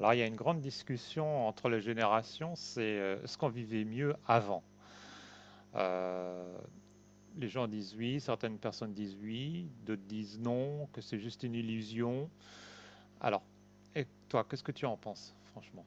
Alors, il y a une grande discussion entre les générations, c'est ce qu'on vivait mieux avant. Euh, les gens disent oui, certaines personnes disent oui, d'autres disent non, que c'est juste une illusion. Alors, et toi, qu'est-ce que tu en penses, franchement?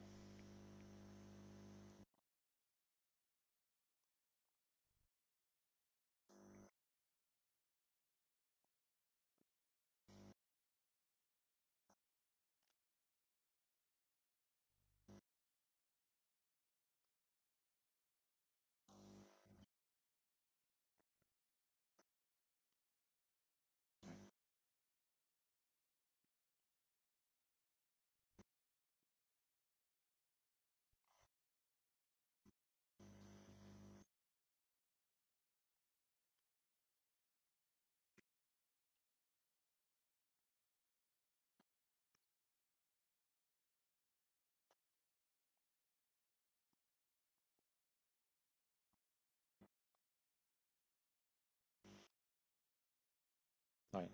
Oui,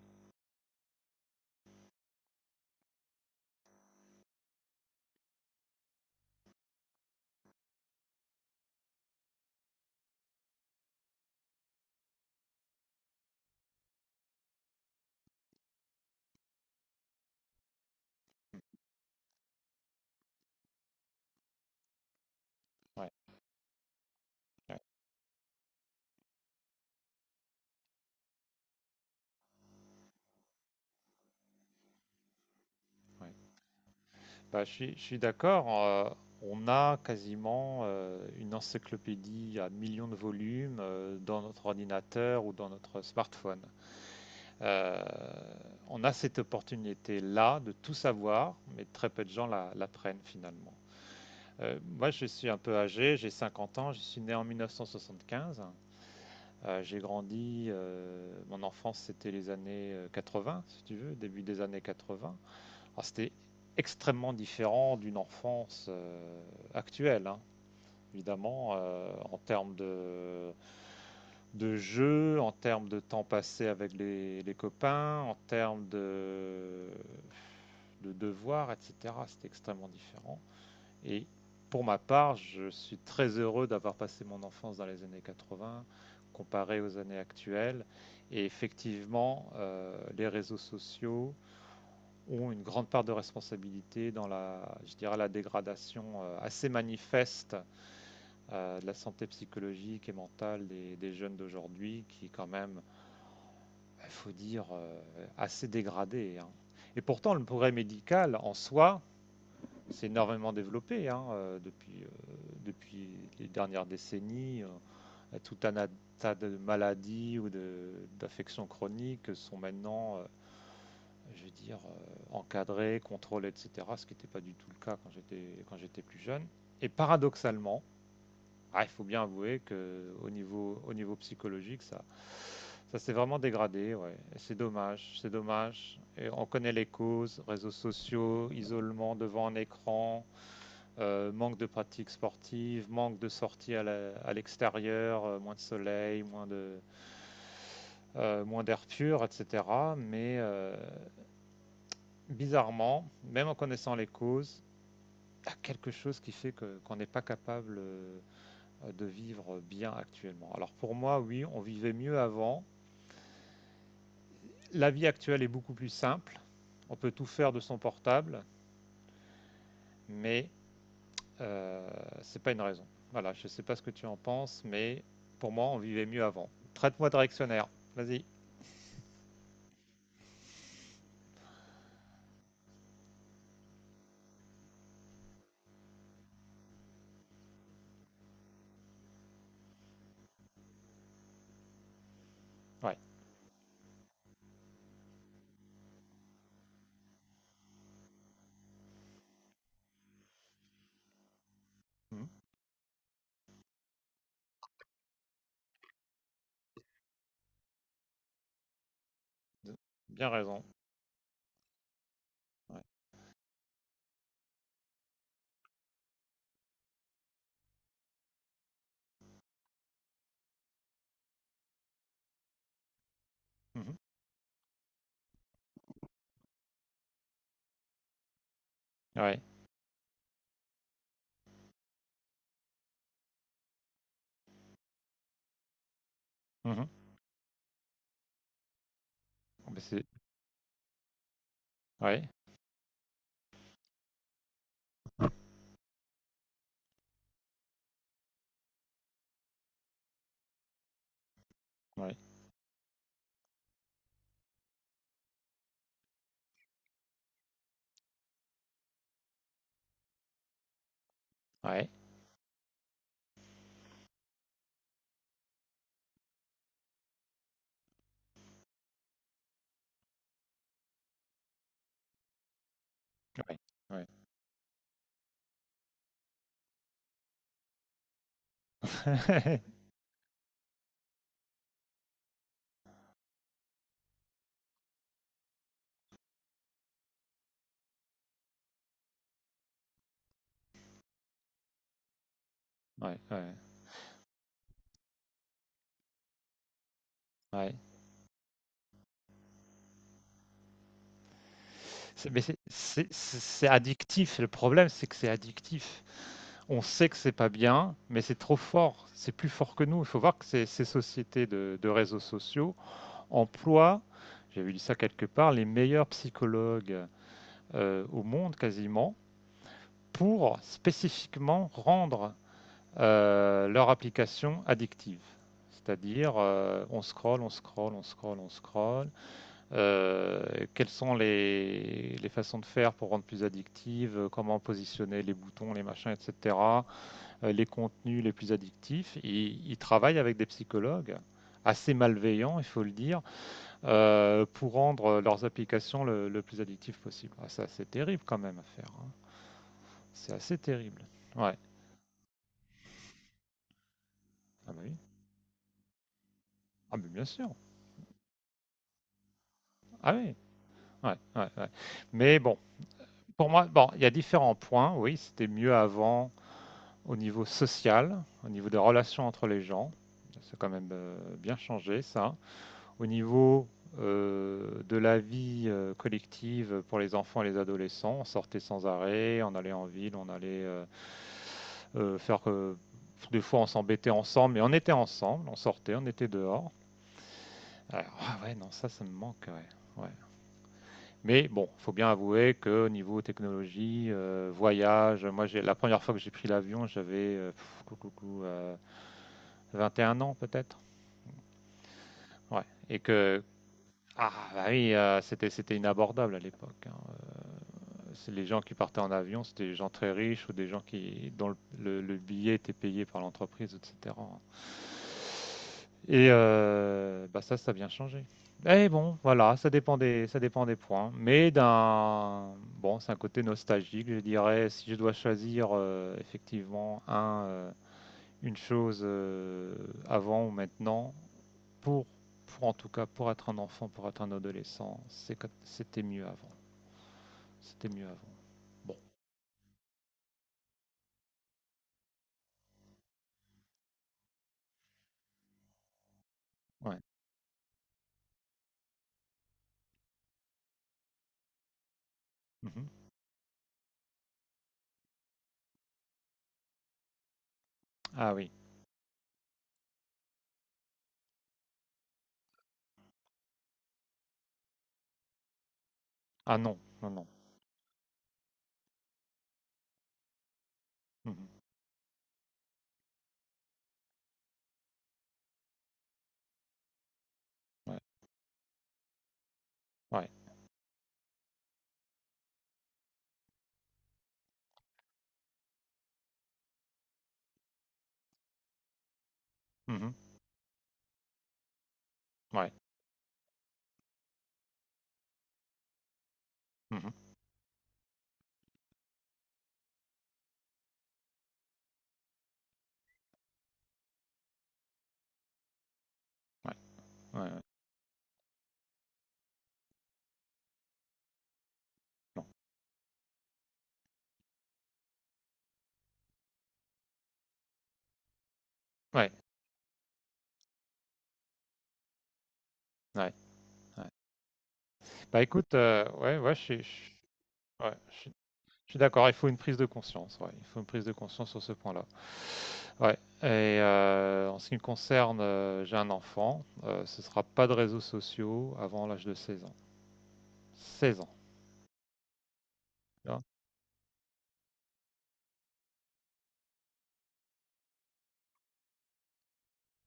oui, oui. Oui. Bah, je suis d'accord. On a quasiment une encyclopédie à millions de volumes dans notre ordinateur ou dans notre smartphone. Euh, on a cette opportunité-là de tout savoir, mais très peu de gens la prennent finalement. Moi, je suis un peu âgé, j'ai 50 ans, je suis né en 1975. J'ai grandi, mon enfance c'était les années 80, si tu veux, début des années 80. Alors c'était extrêmement différent d'une enfance actuelle. Hein, évidemment, en termes de jeu, en termes de temps passé avec les copains, en termes de devoirs, etc. C'était extrêmement différent. Et pour ma part, je suis très heureux d'avoir passé mon enfance dans les années 80 comparé aux années actuelles. Et effectivement, les réseaux sociaux ont une grande part de responsabilité dans la, je dirais, la dégradation assez manifeste de la santé psychologique et mentale des jeunes d'aujourd'hui, qui est quand même, il faut dire, assez dégradée, hein. Et pourtant, le progrès médical en soi s'est énormément développé, hein, depuis, depuis les dernières décennies. Tout un tas de maladies ou d'affections chroniques sont maintenant, je veux dire, encadrées, contrôlées, etc., ce qui n'était pas du tout le cas quand j'étais plus jeune. Et paradoxalement, ah, il faut bien avouer que au niveau psychologique, ça s'est vraiment dégradé. Ouais. Et c'est dommage, c'est dommage. Et on connaît les causes, réseaux sociaux, isolement devant un écran, manque de pratiques sportives, manque de sorties à l'extérieur, moins de soleil, moins d'air pur, etc. Mais bizarrement, même en connaissant les causes, il y a quelque chose qui fait qu'on n'est pas capable de vivre bien actuellement. Alors pour moi, oui, on vivait mieux avant. La vie actuelle est beaucoup plus simple. On peut tout faire de son portable, mais euh, c'est pas une raison. Voilà, je ne sais pas ce que tu en penses, mais pour moi, on vivait mieux avant. Traite-moi de réactionnaire. Vas-y. Ouais. Mhm. Bien raison. Ouais. Mhm. Ouais. Mhm. Oh, mais c'est- Ouais. Ouais. Ouais. Ouais. Ouais. Ouais. Ouais. Ouais. C'est addictif. Le problème, c'est que c'est addictif. On sait que c'est pas bien, mais c'est trop fort. C'est plus fort que nous. Il faut voir que ces sociétés de réseaux sociaux emploient, j'avais lu ça quelque part, les meilleurs psychologues au monde quasiment pour spécifiquement rendre leur application addictive. C'est-à-dire, on scrolle, on scrolle, on scrolle, on scrolle. Quelles sont façons de faire pour rendre plus addictive, comment positionner les boutons, les machins, etc., les contenus les plus addictifs. Ils travaillent avec des psychologues assez malveillants, il faut le dire, pour rendre leurs applications le plus addictives possible. Ah, ça, c'est terrible quand même à faire, hein. C'est assez terrible. Ouais. Ah bah oui. Ah mais bien sûr. Ah oui. Ouais, ouais, ouais. Mais bon, pour moi, bon, il y a différents points. Oui, c'était mieux avant au niveau social, au niveau des relations entre les gens. C'est quand même bien changé ça. Au niveau de la vie collective pour les enfants et les adolescents, on sortait sans arrêt, on allait en ville, on allait faire. Des fois on s'embêtait ensemble, mais on était ensemble, on sortait, on était dehors. Alors, ah ouais, non, ça me manque. Ouais, ouais. Mais bon, il faut bien avouer que niveau technologie, voyage, moi j'ai la première fois que j'ai pris l'avion, j'avais 21 ans peut-être. Ouais. Et que ah bah oui, c'était inabordable à l'époque, hein. C'est les gens qui partaient en avion, c'était des gens très riches ou des gens qui dont le billet était payé par l'entreprise, etc. Et bah ça, ça a bien changé. Et bon, voilà, ça dépend des points. Mais d'un, bon, c'est un côté nostalgique, je dirais. Si je dois choisir effectivement une chose avant ou maintenant, pour, pour en tout cas, pour être un enfant, pour être un adolescent, c'était mieux avant. C'était mieux avant. Bon, ouais. Mhm. Ah oui. Ah non, non, non. Mhm. Ouais, ouais. Mhm. Ouais. Mhm. Ouais, ouais, ouais. Non. Ouais, ouais, ouais. Bah écoute, ouais, ouais, ouais, je suis d'accord. Il faut une prise de conscience, ouais. Il faut une prise de conscience sur ce point-là. Ouais. Et en ce qui me concerne, j'ai un enfant. Ce sera pas de réseaux sociaux avant l'âge de 16 ans. 16 ans.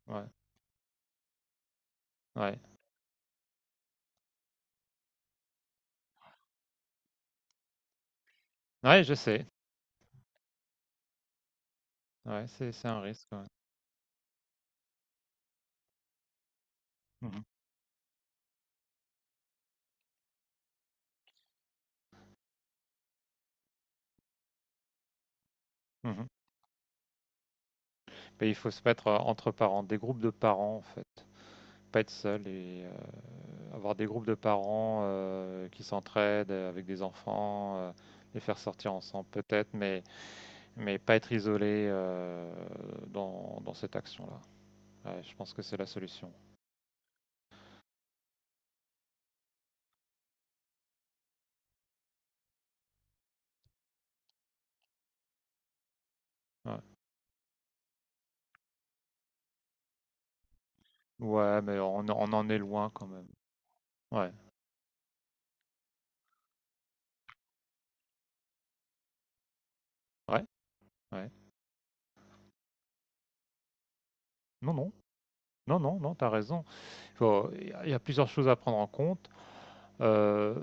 Ouais, ouais. Ouais, je sais. Ouais, c'est un risque, ouais. Mhm, mhm. Mais il faut se mettre, entre parents, des groupes de parents, en fait. Pas être seul et avoir des groupes de parents, qui s'entraident, avec des enfants, les faire sortir ensemble peut-être, mais pas être isolé, dans cette action-là. Ouais, je pense que c'est la solution. Ouais. Ouais, mais on en est loin quand même. Ouais, ouais, ouais. Non, non. Non, non, non, t'as raison. Il y a plusieurs choses à prendre en compte. Euh,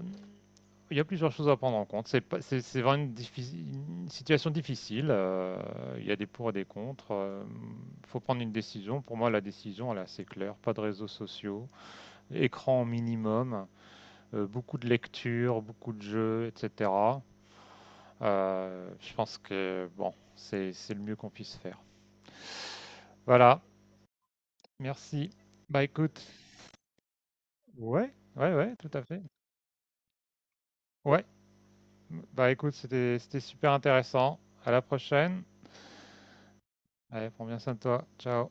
il y a plusieurs choses à prendre en compte. C'est pas- c'est- C'est vraiment une situation difficile, il y a des pour et des contre. Il faut prendre une décision. Pour moi, la décision, elle est assez claire. Pas de réseaux sociaux, écran au minimum, beaucoup de lectures, beaucoup de jeux, etc. Je pense que bon, c'est le mieux qu'on puisse faire. Voilà. Merci. Bah écoute, ouais, ouais, ouais, tout à fait. Ouais. Bah écoute, c'était super intéressant. À la prochaine. Allez, prends bien soin de toi. Ciao.